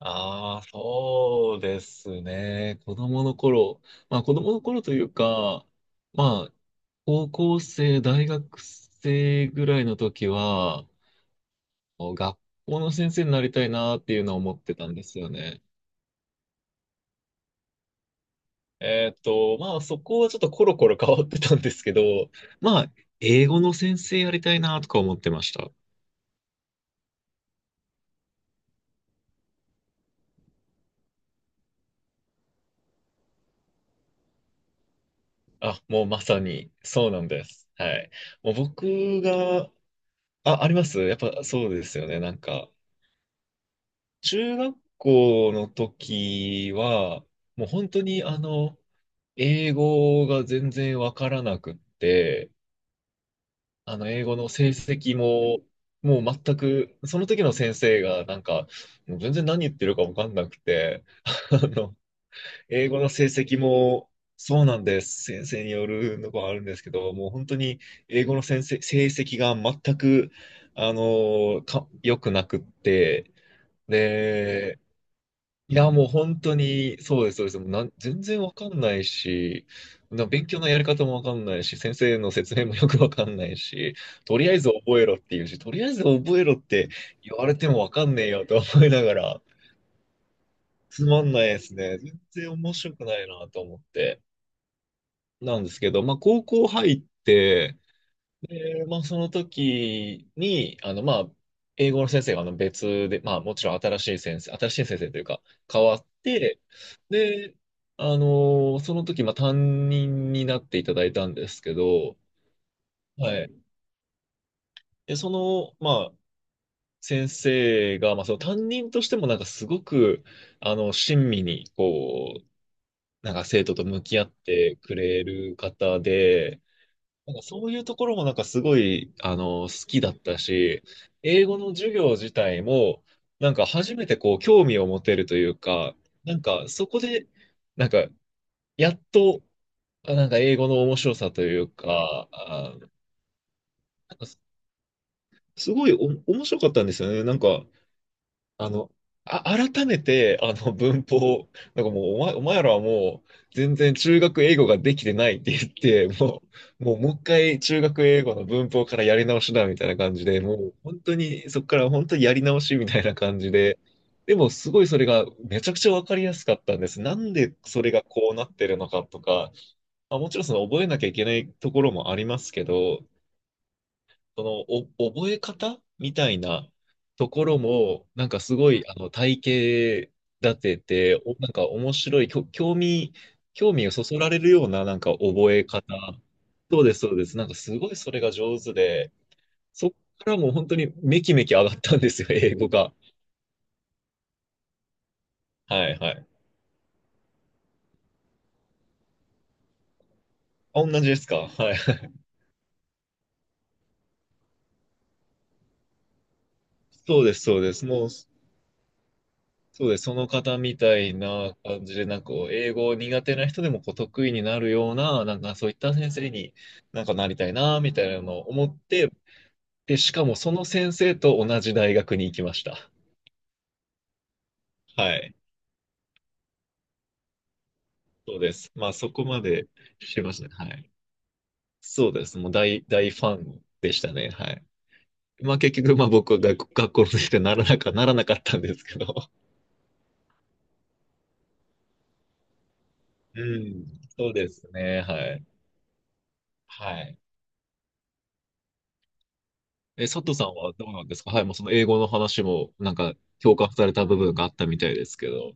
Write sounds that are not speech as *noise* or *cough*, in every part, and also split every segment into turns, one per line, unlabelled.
ああ、そうですね。子供の頃。まあ子供の頃というか、まあ高校生、大学生ぐらいの時は、学校の先生になりたいなっていうのは思ってたんですよね。まあそこはちょっとコロコロ変わってたんですけど、まあ英語の先生やりたいなとか思ってました。あ、もうまさにそうなんです。はい。もう僕が、あ、ありますやっぱそうですよね。なんか。中学校の時は、もう本当に英語が全然わからなくって、英語の成績も、もう全く、その時の先生がなんか、もう全然何言ってるかわかんなくて、*laughs* あの、英語の成績も、そうなんです。先生によるのがあるんですけど、もう本当に英語の先生、成績が全く、良くなくって、で、いや、もう本当に、そうです、そうです。もうなん、全然わかんないし、勉強のやり方もわかんないし、先生の説明もよくわかんないし、とりあえず覚えろっていうし、とりあえず覚えろって言われてもわかんねえよと思いながら、つまんないですね。全然面白くないなと思って。なんですけど、まあ、高校入って、で、まあ、その時に、まあ、英語の先生があの別で、まあ、もちろん新しい先生、新しい先生というか、変わって、で、その時、まあ、担任になっていただいたんですけど、はい。で、その、まあ、先生が、まあ、その担任としても、なんか、すごく、親身に、こう、なんか、生徒と向き合ってくれる方で、なんかそういうところもなんかすごい、好きだったし、英語の授業自体も、なんか初めてこう興味を持てるというか、なんかそこで、なんかやっと、あなんか英語の面白さというか、あ、なんかすすごいお面白かったんですよね。なんかあの、あ、改めて、*laughs* 文法、なんかもう、お前らはもう、全然中学英語ができてないって言って、もう一回中学英語の文法からやり直しだ、みたいな感じで、もう、本当に、そこから本当にやり直しみたいな感じで、でも、すごいそれが、めちゃくちゃわかりやすかったんです。なんでそれがこうなってるのかとか、まあ、もちろんその覚えなきゃいけないところもありますけど、その、お、覚え方みたいなところも、なんかすごい、体系立てて、なんか面白い、興味、興味をそそられるような、なんか覚え方。そうです、そうです。なんかすごいそれが上手で、そっからもう本当にめきめき上がったんですよ、英語が。はい、はい。あ、同じですかはい。そうです、そうです。もう、そうです。その方みたいな感じで、なんかこう英語苦手な人でもこう得意になるような、なんかそういった先生になんかなりたいな、みたいなのを思って、で、しかもその先生と同じ大学に行きました。はい。そうです。まあそこまでしてましたね。はい。そうです。もう大、大ファンでしたね。はい。まあ結局、まあ僕は学校の先生にならなか、ならなかったんですけど。うん。そうですね。はい。はい。え、佐藤さんはどうなんですかはい、もうその英語の話も、なんか、共感された部分があったみたいですけど。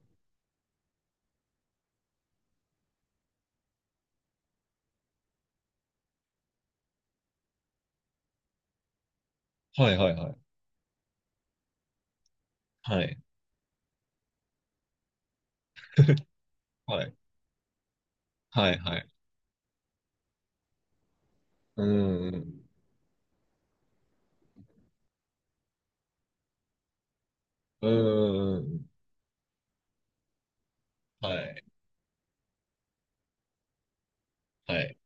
はいはいはい。はい。はい。はいはい。うん。うん。うん。はい。はい。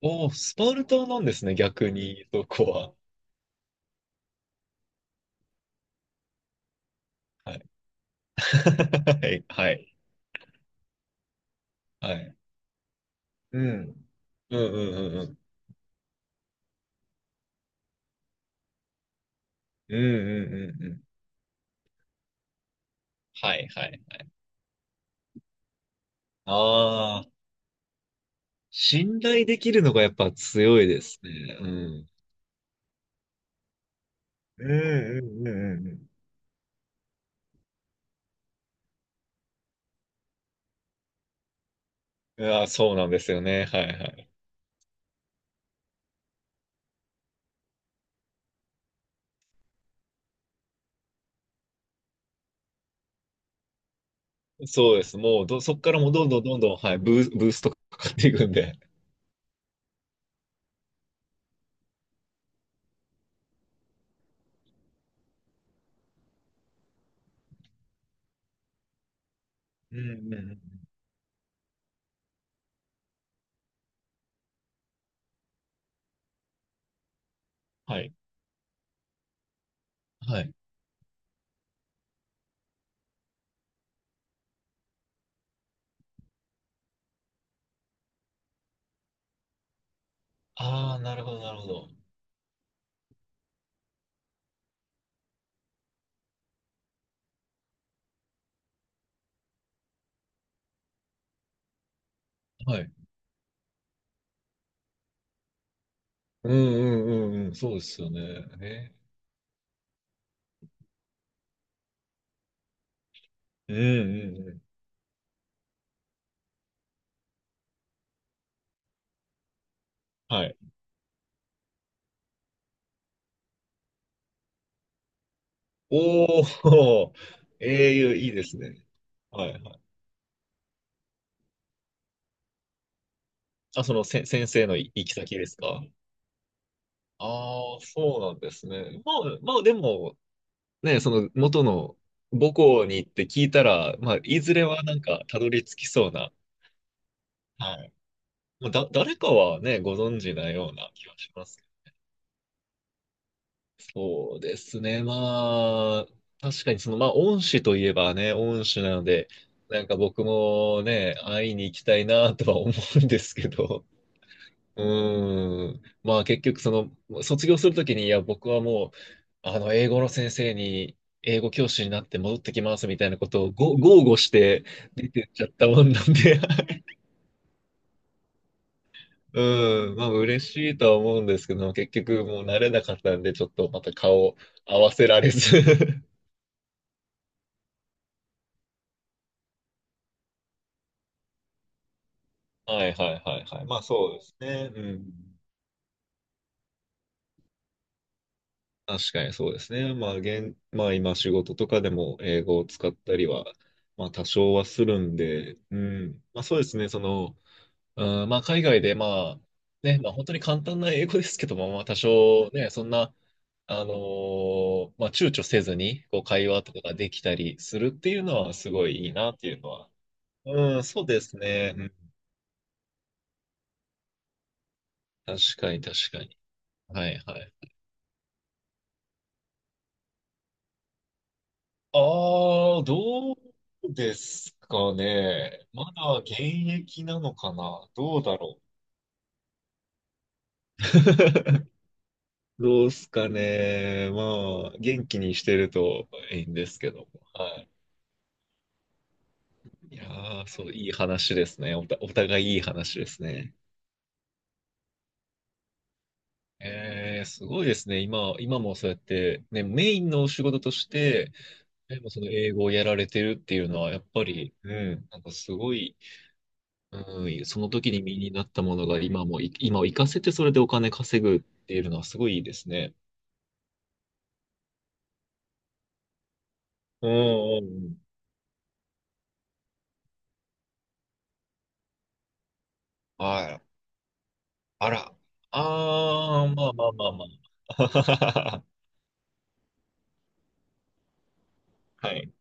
おー、スパルタなんですね、逆に、そこは。はい。*laughs* はい。はい。はいうん。うんうんうんうん。うんうんうんうん。はいはい。ああ、信頼できるのがやっぱ強いですね。うん。うんうんうんうんうん。いや、そうなんですよね。はいはい。そうです。もうど、そこからもうどんどんどんどん、はい、ブーストかかっていくんで。うんうんうんはい。はい。ああ、なるほど、なるほど。はい。うんうんうんうん。そうですよね。ね。うんうんうん。はい。おお、ええいいですね。はいはい。あ、そのせ、先生の行き先ですかああー、そうなんですね。まあ、まあでも、ね、その元の母校に行って聞いたら、まあ、いずれはなんかたどり着きそうな、はい。まあ、誰かはね、ご存知なような気がしますけど。そうですね、まあ、確かにその、まあ、恩師といえばね、恩師なので、なんか僕もね、会いに行きたいなとは思うんですけど。うーん。まあ結局その、卒業するときに、いや、僕はもう、英語の先生に、英語教師になって戻ってきますみたいなことをご豪語して出てっちゃったもんなんで *laughs* うん、まあ嬉しいとは思うんですけど、結局もう慣れなかったんで、ちょっとまた顔合わせられず *laughs* はいはいはいはい。まあそうですね。うん。確かにそうですね。まあ今仕事とかでも英語を使ったりは、まあ多少はするんで、うん。まあそうですね、その、うん、まあ海外でまあ、ね、まあ本当に簡単な英語ですけども、まあ多少ね、そんな、まあ躊躇せずに、こう会話とかができたりするっていうのはすごいいいなっていうのは。うん、そうですね。うん、確かに確かに。はいはい。ああ、どうですかね。まだ現役なのかな。どうだろう。*laughs* どうすかね。まあ、元気にしてるといいんですけども。はい。いやー、そう、いい話ですね。お互いいい話ですね。えー、すごいですね。今、今もそうやって、ね、メインのお仕事として、でもその英語をやられてるっていうのは、やっぱり、うん、なんかすごいうん、その時に身になったものが今もい、今を活かせてそれでお金稼ぐっていうのはすごいいいですね。うんうんうん。はい。あら。あー、まあまあまあまあ。*laughs* はい。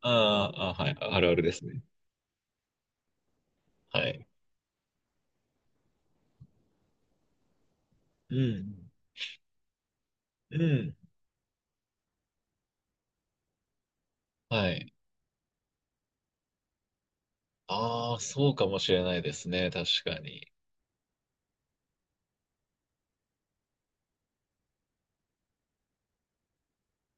あーあ、はい。あるあるですね。はい。うん。うん。はい。ああ、そうかもしれないですね。確かに。